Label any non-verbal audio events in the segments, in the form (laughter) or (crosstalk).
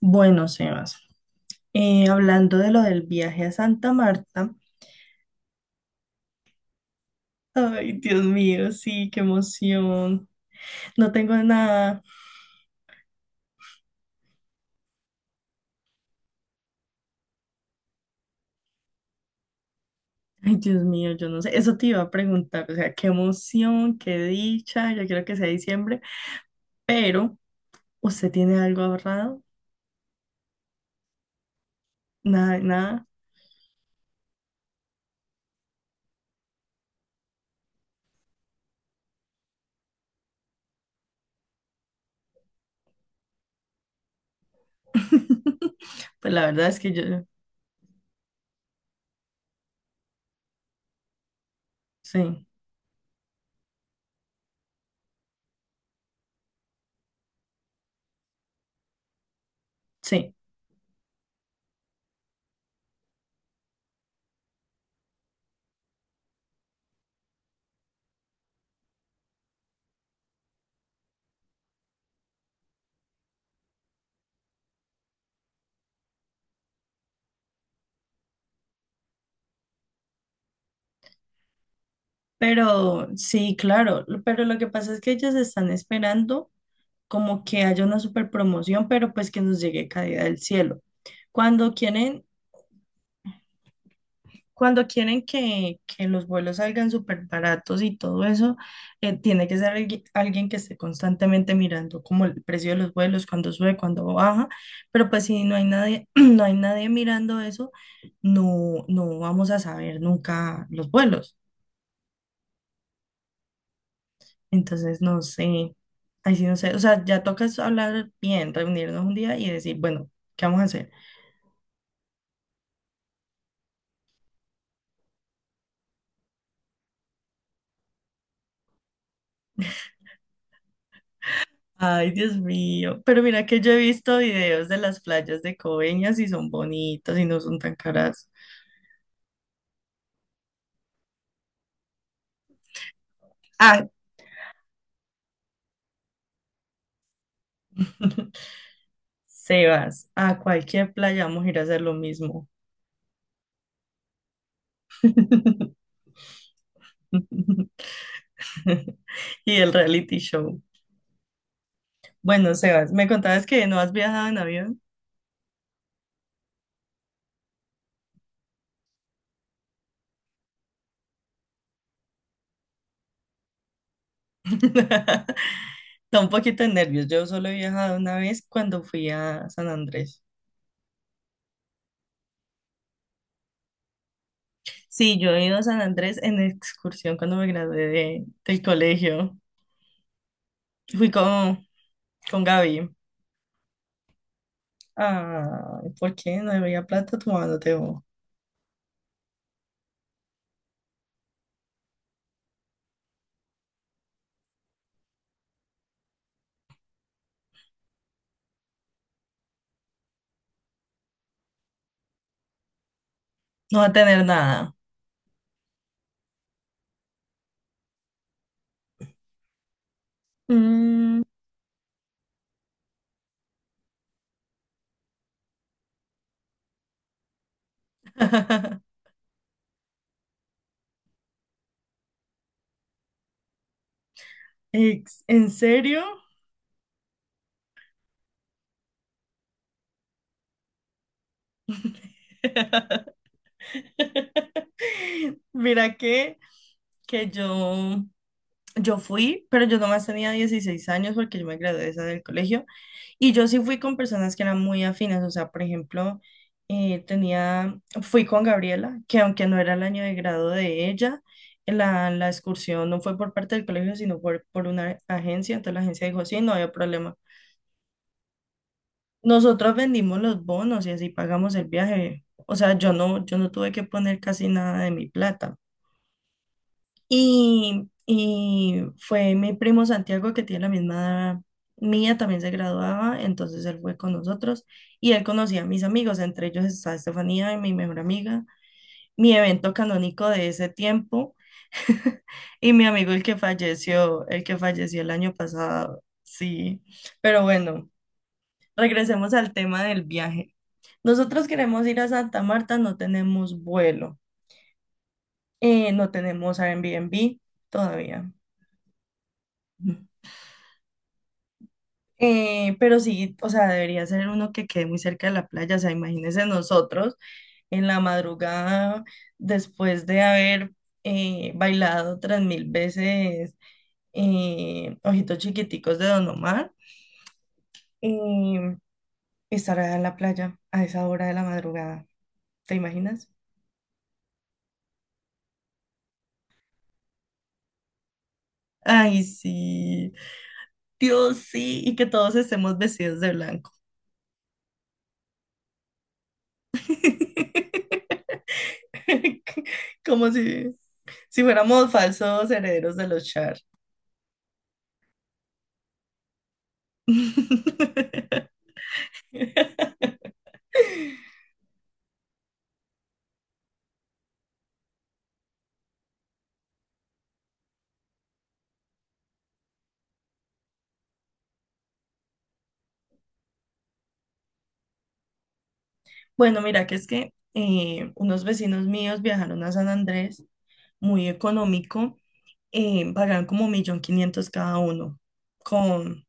Bueno, Sebas, hablando de lo del viaje a Santa Marta, ay, Dios mío, sí, qué emoción. No tengo nada. Ay, Dios mío, yo no sé. Eso te iba a preguntar, o sea, qué emoción, qué dicha, yo quiero que sea diciembre, pero ¿usted tiene algo ahorrado? Nada, nada. (laughs) Pues la verdad es que yo, sí, sí. Pero sí, claro, pero lo que pasa es que ellos están esperando, como que haya una super promoción, pero pues que nos llegue caída del cielo. Cuando quieren, cuando quieren que los vuelos salgan súper baratos y todo eso, tiene que ser alguien que esté constantemente mirando como el precio de los vuelos, cuando sube, cuando baja, pero pues si no hay nadie, (clears throat) no hay nadie mirando eso, no, no vamos a saber nunca los vuelos. Entonces, no sé, ahí sí no sé, o sea, ya toca es hablar bien, reunirnos un día y decir, bueno, ¿qué vamos a hacer? Ay, Dios mío. Pero mira que yo he visto videos de las playas de Coveñas y son bonitas y no son tan caras. Ah, (laughs) Sebas, a cualquier playa vamos a ir a hacer lo mismo. (laughs) Y el reality show. Bueno, Sebas, me contabas que no has viajado en avión. (laughs) Da un poquito de nervios. Yo solo he viajado una vez cuando fui a San Andrés. Sí, yo he ido a San Andrés en excursión cuando me gradué del colegio. Fui con Gaby. Ah, ¿por qué no debería plata tu mano? No va a tener nada. Mm, (laughs) ¿en serio? (laughs) Mira que yo... Yo fui, pero yo nomás tenía 16 años porque yo me gradué de esa del colegio y yo sí fui con personas que eran muy afines, o sea, por ejemplo, tenía, fui con Gabriela, que aunque no era el año de grado de ella, la excursión no fue por parte del colegio, sino por una agencia, entonces la agencia dijo, sí, no había problema. Nosotros vendimos los bonos y así pagamos el viaje, o sea, yo no, yo no tuve que poner casi nada de mi plata. Y fue mi primo Santiago, que tiene la misma edad mía, también se graduaba, entonces él fue con nosotros y él conocía a mis amigos, entre ellos está Estefanía, mi mejor amiga, mi evento canónico de ese tiempo (laughs) y mi amigo el que falleció, el que falleció el año pasado, sí. Pero bueno, regresemos al tema del viaje. Nosotros queremos ir a Santa Marta, no tenemos vuelo, no tenemos Airbnb todavía. Pero sí, o sea, debería ser uno que quede muy cerca de la playa. O sea, imagínense nosotros en la madrugada, después de haber bailado 3000 veces Ojitos Chiquiticos de Don Omar, eh, estar allá en la playa a esa hora de la madrugada. ¿Te imaginas? Ay, sí, Dios sí, y que todos estemos vestidos de blanco. (laughs) Como si, si fuéramos falsos herederos de los Char. (laughs) Bueno, mira, que es que unos vecinos míos viajaron a San Andrés, muy económico, pagaron como 1.500.000 cada uno, con,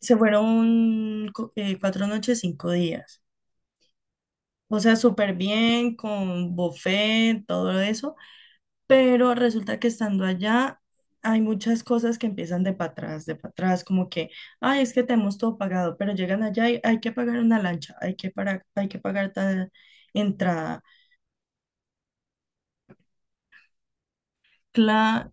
se fueron 4 noches, 5 días. O sea, súper bien, con buffet, todo eso, pero resulta que estando allá hay muchas cosas que empiezan de para atrás, como que, ay, es que tenemos todo pagado, pero llegan allá y hay que pagar una lancha, hay que, para, hay que pagar tal entrada. Cla-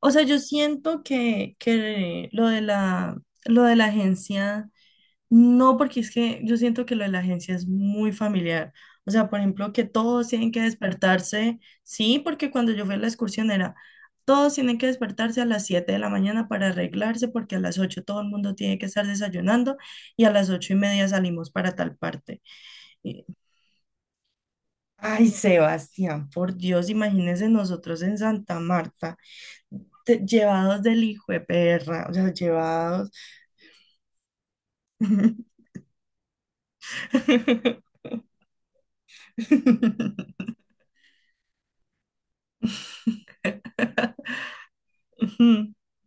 o sea, yo siento que lo de la agencia... No, porque es que yo siento que lo de la agencia es muy familiar. O sea, por ejemplo, que todos tienen que despertarse. Sí, porque cuando yo fui a la excursión era, todos tienen que despertarse a las 7 de la mañana para arreglarse, porque a las 8 todo el mundo tiene que estar desayunando y a las 8:30 salimos para tal parte. Y, ay, Sebastián, por Dios, imagínense nosotros en Santa Marta, llevados del hijo de perra, o sea, llevados. (laughs) (laughs)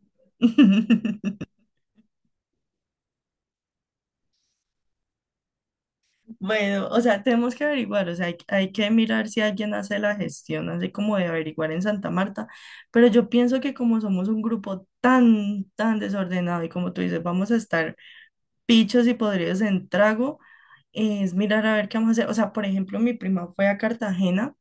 Bueno, o sea, tenemos que averiguar, o sea, hay que mirar si alguien hace la gestión, así como de averiguar en Santa Marta, pero yo pienso que como somos un grupo tan, tan desordenado y como tú dices, vamos a estar pichos y podridos en trago, es mirar a ver qué vamos a hacer. O sea, por ejemplo, mi prima fue a Cartagena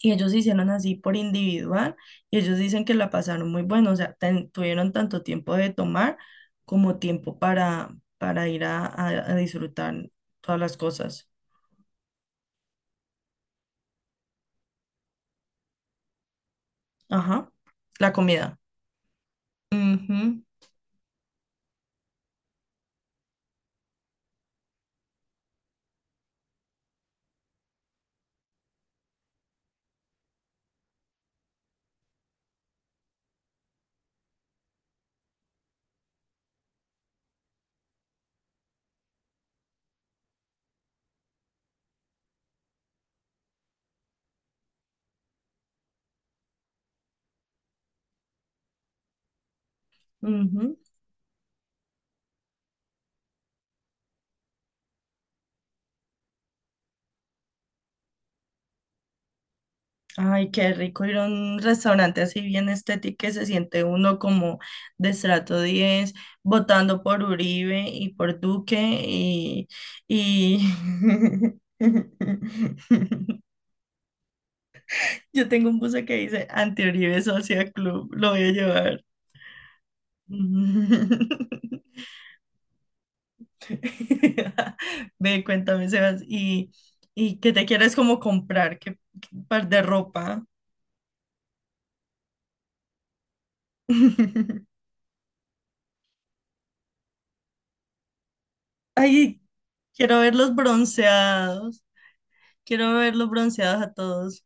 y ellos hicieron así por individual y ellos dicen que la pasaron muy bueno, o sea, tuvieron tanto tiempo de tomar como tiempo para ir a, a disfrutar todas las cosas. Ajá, la comida. Ujú, ujú. Ay, qué rico ir a un restaurante así bien estético que se siente uno como de estrato 10 votando por Uribe y por Duque y, y... (laughs) Yo tengo un buzo que dice Anti-Uribe Social Club, lo voy a llevar. (laughs) Ve, cuéntame, Sebas, y qué te quieres como comprar? ¿Qué qué par de ropa? (laughs) Ay, quiero verlos bronceados. Quiero verlos bronceados a todos.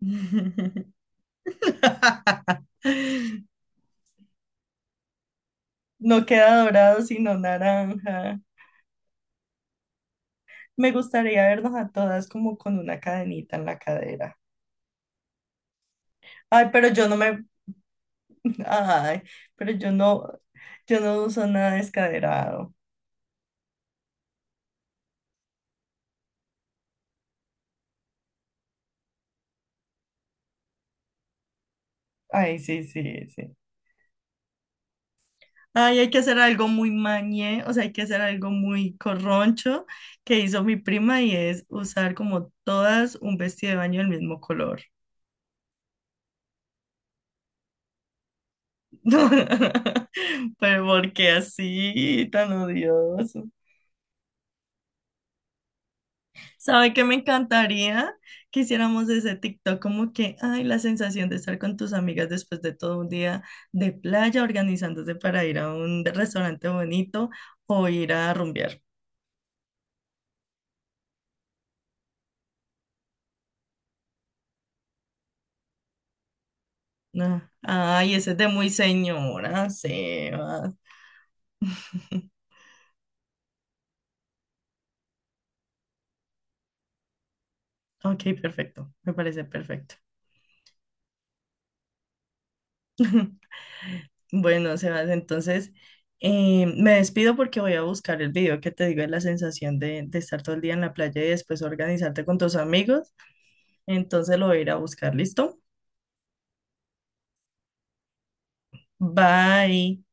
(laughs) No queda dorado, sino naranja. Me gustaría vernos a todas como con una cadenita en la cadera. Ay, pero yo no me, ay, pero yo no, yo no uso nada descaderado. Ay, sí, sí, sí. Ay, hay que hacer algo muy mañé, o sea, hay que hacer algo muy corroncho que hizo mi prima y es usar como todas un vestido de baño del mismo color. (laughs) Pero porque así, tan odioso. ¿Sabe qué me encantaría? Que hiciéramos ese TikTok como que, ay, la sensación de estar con tus amigas después de todo un día de playa organizándose para ir a un restaurante bonito o ir a rumbear. Ah, ay, ese es de muy señora, Sebas. (laughs) Ok, perfecto. Me parece perfecto. (laughs) Bueno, Sebas, entonces me despido porque voy a buscar el video que te digo de la sensación de estar todo el día en la playa y después organizarte con tus amigos. Entonces lo voy a ir a buscar, ¿listo? Bye.